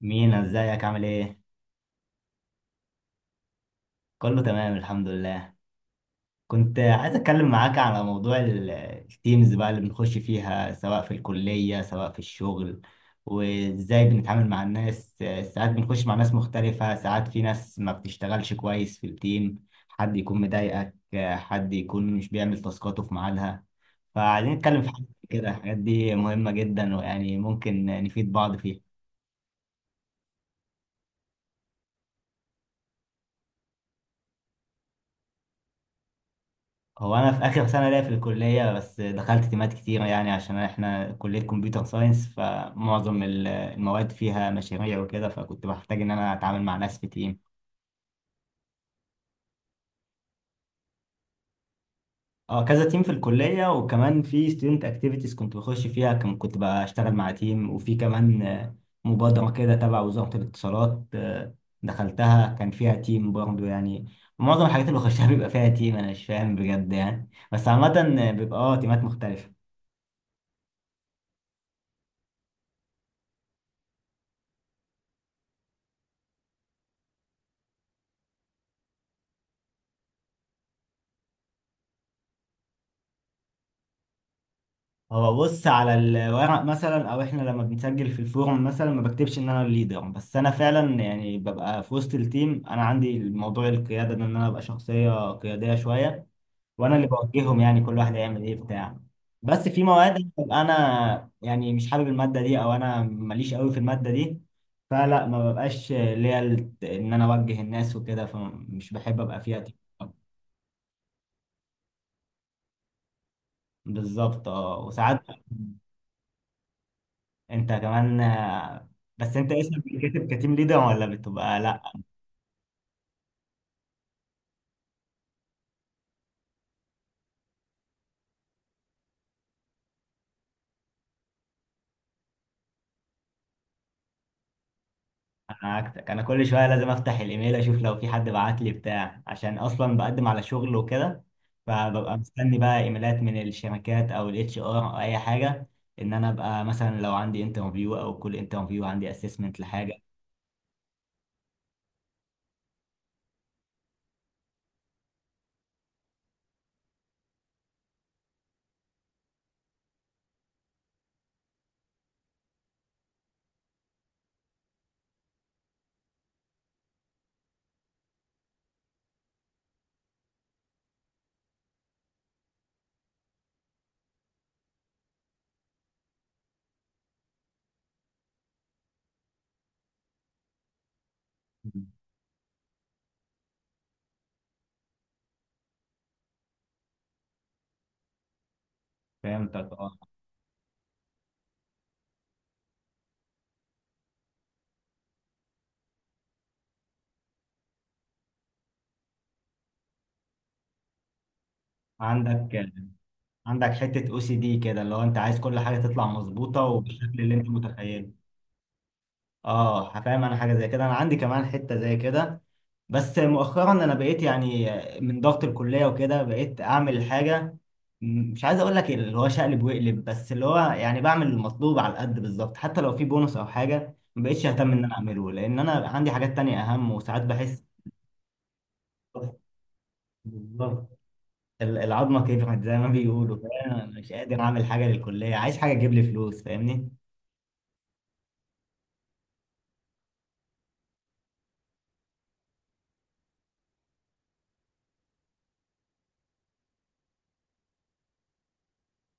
مينا ازيك عامل ايه؟ كله تمام الحمد لله. كنت عايز اتكلم معاك على موضوع التيمز بقى اللي بنخش فيها، سواء في الكلية سواء في الشغل، وازاي بنتعامل مع الناس. ساعات بنخش مع ناس مختلفة، ساعات في ناس ما بتشتغلش كويس في التيم، حد يكون مضايقك، حد يكون مش بيعمل تاسكاته في ميعادها. فعايزين نتكلم في حاجة كده، الحاجات دي مهمة جدا ويعني ممكن نفيد بعض فيها. هو انا في اخر سنه ليا في الكليه، بس دخلت تيمات كتير يعني، عشان احنا كليه كمبيوتر ساينس فمعظم المواد فيها مشاريع وكده، فكنت بحتاج ان انا اتعامل مع ناس في تيم. اه، كذا تيم في الكليه، وكمان في ستودنت اكتيفيتيز كنت بخش فيها، كنت بقى اشتغل مع تيم، وفي كمان مبادره كده تبع وزاره الاتصالات، دخلتها كان فيها تيم برضه يعني. معظم الحاجات اللي بخشها بيبقى فيها تيم، انا مش فاهم بجد يعني، بس عامه بيبقى اه تيمات مختلفه. هو بص، على الورق مثلا او احنا لما بنسجل في الفورم مثلا ما بكتبش ان انا الليدر، بس انا فعلا يعني ببقى في وسط التيم، انا عندي الموضوع القياده ده، ان انا ابقى شخصيه قياديه شويه وانا اللي بوجههم يعني، كل واحد هيعمل ايه بتاع. بس في مواد ببقى انا يعني مش حابب الماده دي او انا ماليش قوي في الماده دي، فلا ما ببقاش ليا ان انا اوجه الناس وكده، فمش بحب ابقى فيها تيم. بالظبط اه، وساعات انت كمان بس انت اسمك بيتكتب كتيم ليدر ولا بتبقى لا؟ انا عكسك، انا كل شويه لازم افتح الايميل اشوف لو في حد بعت لي بتاع، عشان اصلا بقدم على شغل وكده، فببقى مستني بقى ايميلات من الشركات او الاتش ار او اي حاجه، ان انا ابقى مثلا لو عندي انترفيو، او كل انترفيو عندي اسسمنت لحاجه. فهمتك اه. عندك، عندك حته او سي دي كده اللي هو انت عايز كل حاجه تطلع مظبوطه وبالشكل اللي انت متخيله. اه فاهم، انا حاجه زي كده، انا عندي كمان حته زي كده، بس مؤخرا انا بقيت يعني من ضغط الكليه وكده بقيت اعمل حاجه، مش عايز اقول لك اللي هو شقلب وقلب، بس اللي هو يعني بعمل المطلوب على القد بالظبط، حتى لو في بونص او حاجه ما بقتش اهتم ان انا اعمله، لان انا عندي حاجات تانية اهم، وساعات بحس بالظبط العظمه كبرت زي ما بيقولوا، فانا مش قادر اعمل حاجه للكليه، عايز حاجه تجيب لي فلوس فاهمني.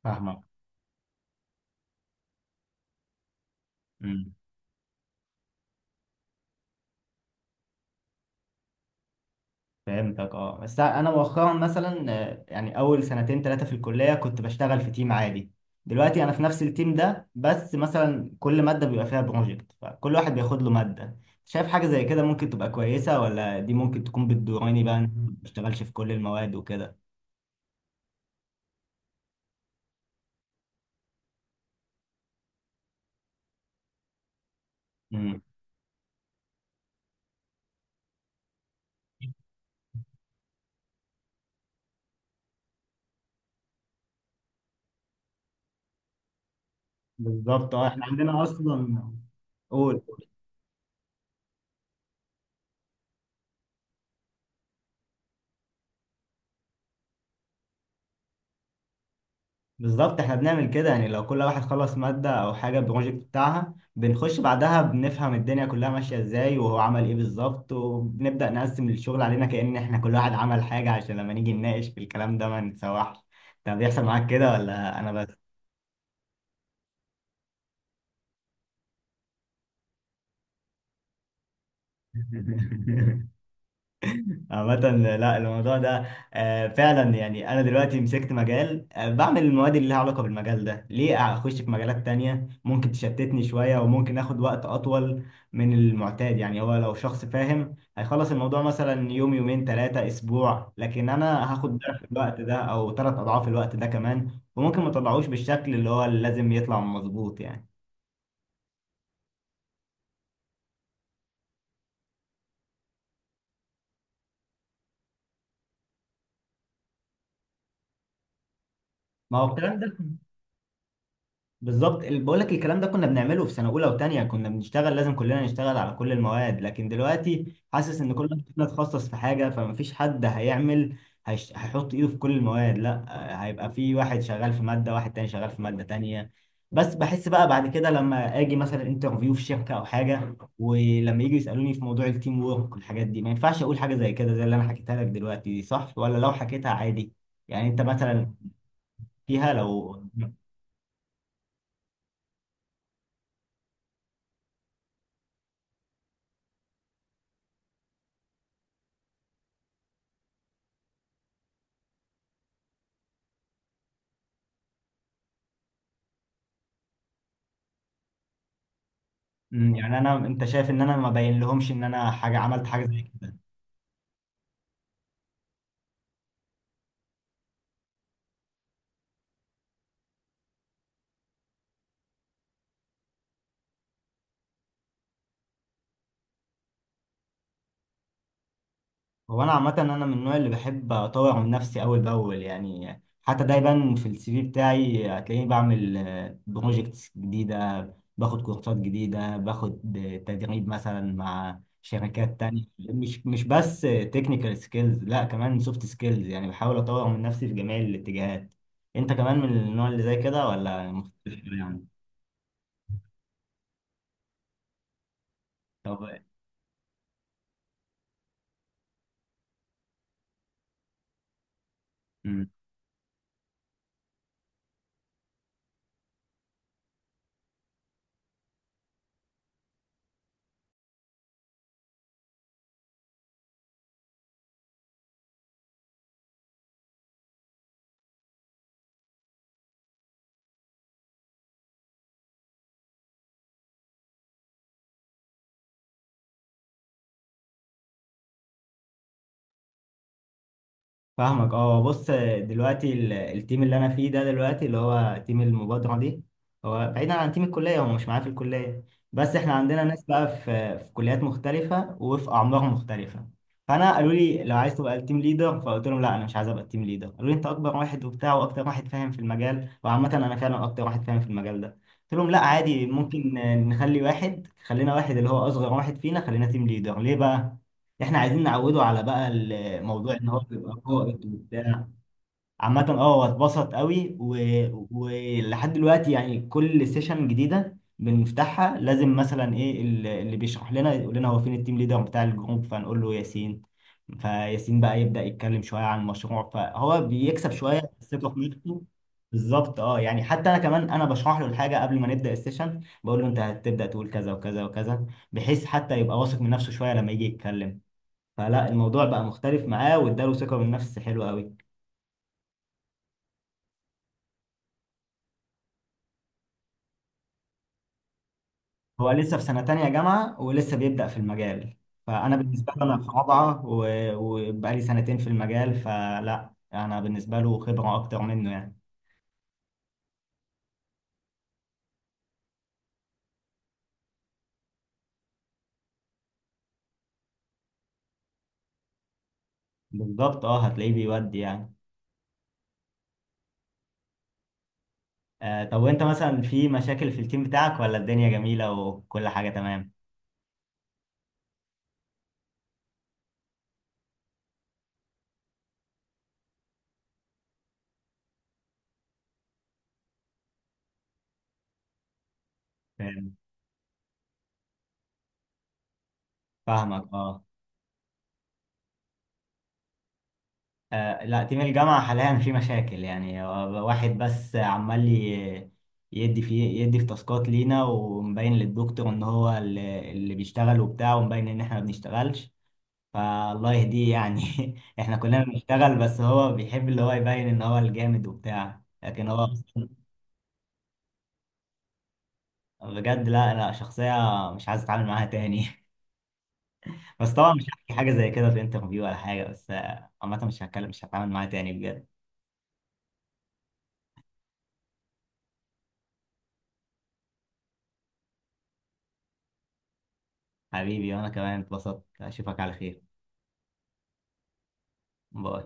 فاهمك. فهمتك اه. بس انا مؤخرا مثلا يعني اول سنتين ثلاثه في الكليه كنت بشتغل في تيم عادي. دلوقتي انا في نفس التيم ده، بس مثلا كل ماده بيبقى فيها بروجكت، فكل واحد بياخد له ماده. شايف حاجه زي كده ممكن تبقى كويسه، ولا دي ممكن تكون بتضرني بقى إن أنا ما بشتغلش في كل المواد وكده؟ امم، بالظبط اه. احنا عندنا اصلا، قول. بالظبط، احنا بنعمل كده يعني، لو كل واحد خلص مادة او حاجة بروجكت بتاعها بنخش بعدها، بنفهم الدنيا كلها ماشية ازاي وهو عمل ايه بالظبط، وبنبدأ نقسم الشغل علينا، كأن احنا كل واحد عمل حاجة عشان لما نيجي نناقش في الكلام ده ما نتسوحش. طب بيحصل معاك كده ولا انا بس؟ عامة، لا الموضوع ده فعلا يعني أنا دلوقتي مسكت مجال، بعمل المواد اللي لها علاقة بالمجال ده، ليه أخش في مجالات تانية ممكن تشتتني شوية وممكن آخد وقت أطول من المعتاد يعني. هو لو شخص فاهم هيخلص الموضوع مثلا يوم يومين ثلاثة أسبوع، لكن أنا هاخد ضعف الوقت ده أو ثلاث أضعاف الوقت ده كمان، وممكن ما طلعوش بالشكل اللي هو اللي لازم يطلع مظبوط يعني. ما هو الكلام ده بالظبط، بقول لك الكلام ده كنا بنعمله في سنه اولى وثانيه، كنا بنشتغل لازم كلنا نشتغل على كل المواد، لكن دلوقتي حاسس ان كل واحد فينا اتخصص في حاجه، فمفيش حد هيعمل، هيحط ايده في كل المواد، لا هيبقى في واحد شغال في ماده، واحد تاني شغال في ماده تانيه. بس بحس بقى بعد كده لما اجي مثلا انترفيو في شركه او حاجه، ولما يجي يسالوني في موضوع التيم وورك والحاجات دي، ما ينفعش اقول حاجه زي كده زي اللي انا حكيتها لك دلوقتي دي، صح ولا لو حكيتها عادي؟ يعني انت مثلا فيها لو، مم، يعني انا انت شايف ان انا ما باين لهمش ان انا حاجه عملت حاجه زي كده؟ هو انا عامه انا من النوع اللي بحب اطور من نفسي اول باول يعني، حتى دايما في السي في بتاعي هتلاقيني بعمل بروجكتس جديده، باخد كورسات جديده، باخد تدريب مثلا مع شركات تانية، مش بس تكنيكال سكيلز، لا كمان سوفت سكيلز، يعني بحاول اطور من نفسي في جميع الاتجاهات. انت كمان من النوع اللي زي كده ولا مختلف يعني؟ طب. مم. فاهمك اه. بص، دلوقتي التيم اللي انا فيه ده دلوقتي اللي هو تيم المبادرة دي، هو بعيدا عن تيم الكلية، هو مش معايا في الكلية، بس احنا عندنا ناس بقى في كليات مختلفة وفي أعمار مختلفة. فانا قالوا لي لو عايز تبقى التيم ليدر، فقلت لهم لا انا مش عايز ابقى التيم ليدر. قالوا لي انت اكبر واحد وبتاع واكتر واحد فاهم في المجال، وعامة انا فعلا اكتر واحد فاهم في المجال ده. قلت لهم لا عادي، ممكن نخلي واحد، خلينا واحد اللي هو اصغر واحد فينا خلينا تيم ليدر، ليه بقى؟ احنا عايزين نعوده على بقى الموضوع ان هو بيبقى قائد وبتاع. عامة اه، هو اتبسط قوي ولحد دلوقتي يعني كل سيشن جديدة بنفتحها لازم مثلا ايه اللي بيشرح لنا يقول لنا هو فين التيم ليدر بتاع الجروب، فنقول له ياسين. فياسين بقى يبدأ يتكلم شوية عن المشروع، فهو بيكسب شوية ثقة في نفسه. بالظبط اه، يعني حتى انا كمان انا بشرح له الحاجة قبل ما نبدأ السيشن، بقول له انت هتبدأ تقول كذا وكذا وكذا، بحيث حتى يبقى واثق من نفسه شوية لما يجي يتكلم. فلا الموضوع بقى مختلف معاه، واداله ثقة بالنفس حلوة قوي. هو لسه في سنة تانية جامعة ولسه بيبدأ في المجال، فأنا بالنسبة لي أنا في رابعة وبقالي سنتين في المجال، فلا أنا بالنسبة له خبرة أكتر منه يعني. بالظبط أه، هتلاقيه بيودي يعني. آه طب، وأنت مثلا في مشاكل في التيم بتاعك، ولا الدنيا جميلة وكل حاجة تمام؟ فاهم. فاهمك أه. لا تيم الجامعة حاليا في مشاكل، يعني هو واحد بس عمال يدي في، يدي في تاسكات لينا، ومبين للدكتور ان هو اللي بيشتغل وبتاع، ومبين ان احنا ما بنشتغلش. فالله يهديه يعني، احنا كلنا بنشتغل، بس هو بيحب اللي هو يبين ان هو الجامد وبتاع، لكن هو أصلاً بجد، لا شخصية مش عايز اتعامل معاها تاني. بس طبعا مش هحكي حاجة زي كده في انترفيو ولا حاجة، بس عامة مش هتكلم، مش هتعامل معاها تاني بجد. حبيبي، وانا كمان اتبسطت. اشوفك على خير. باي.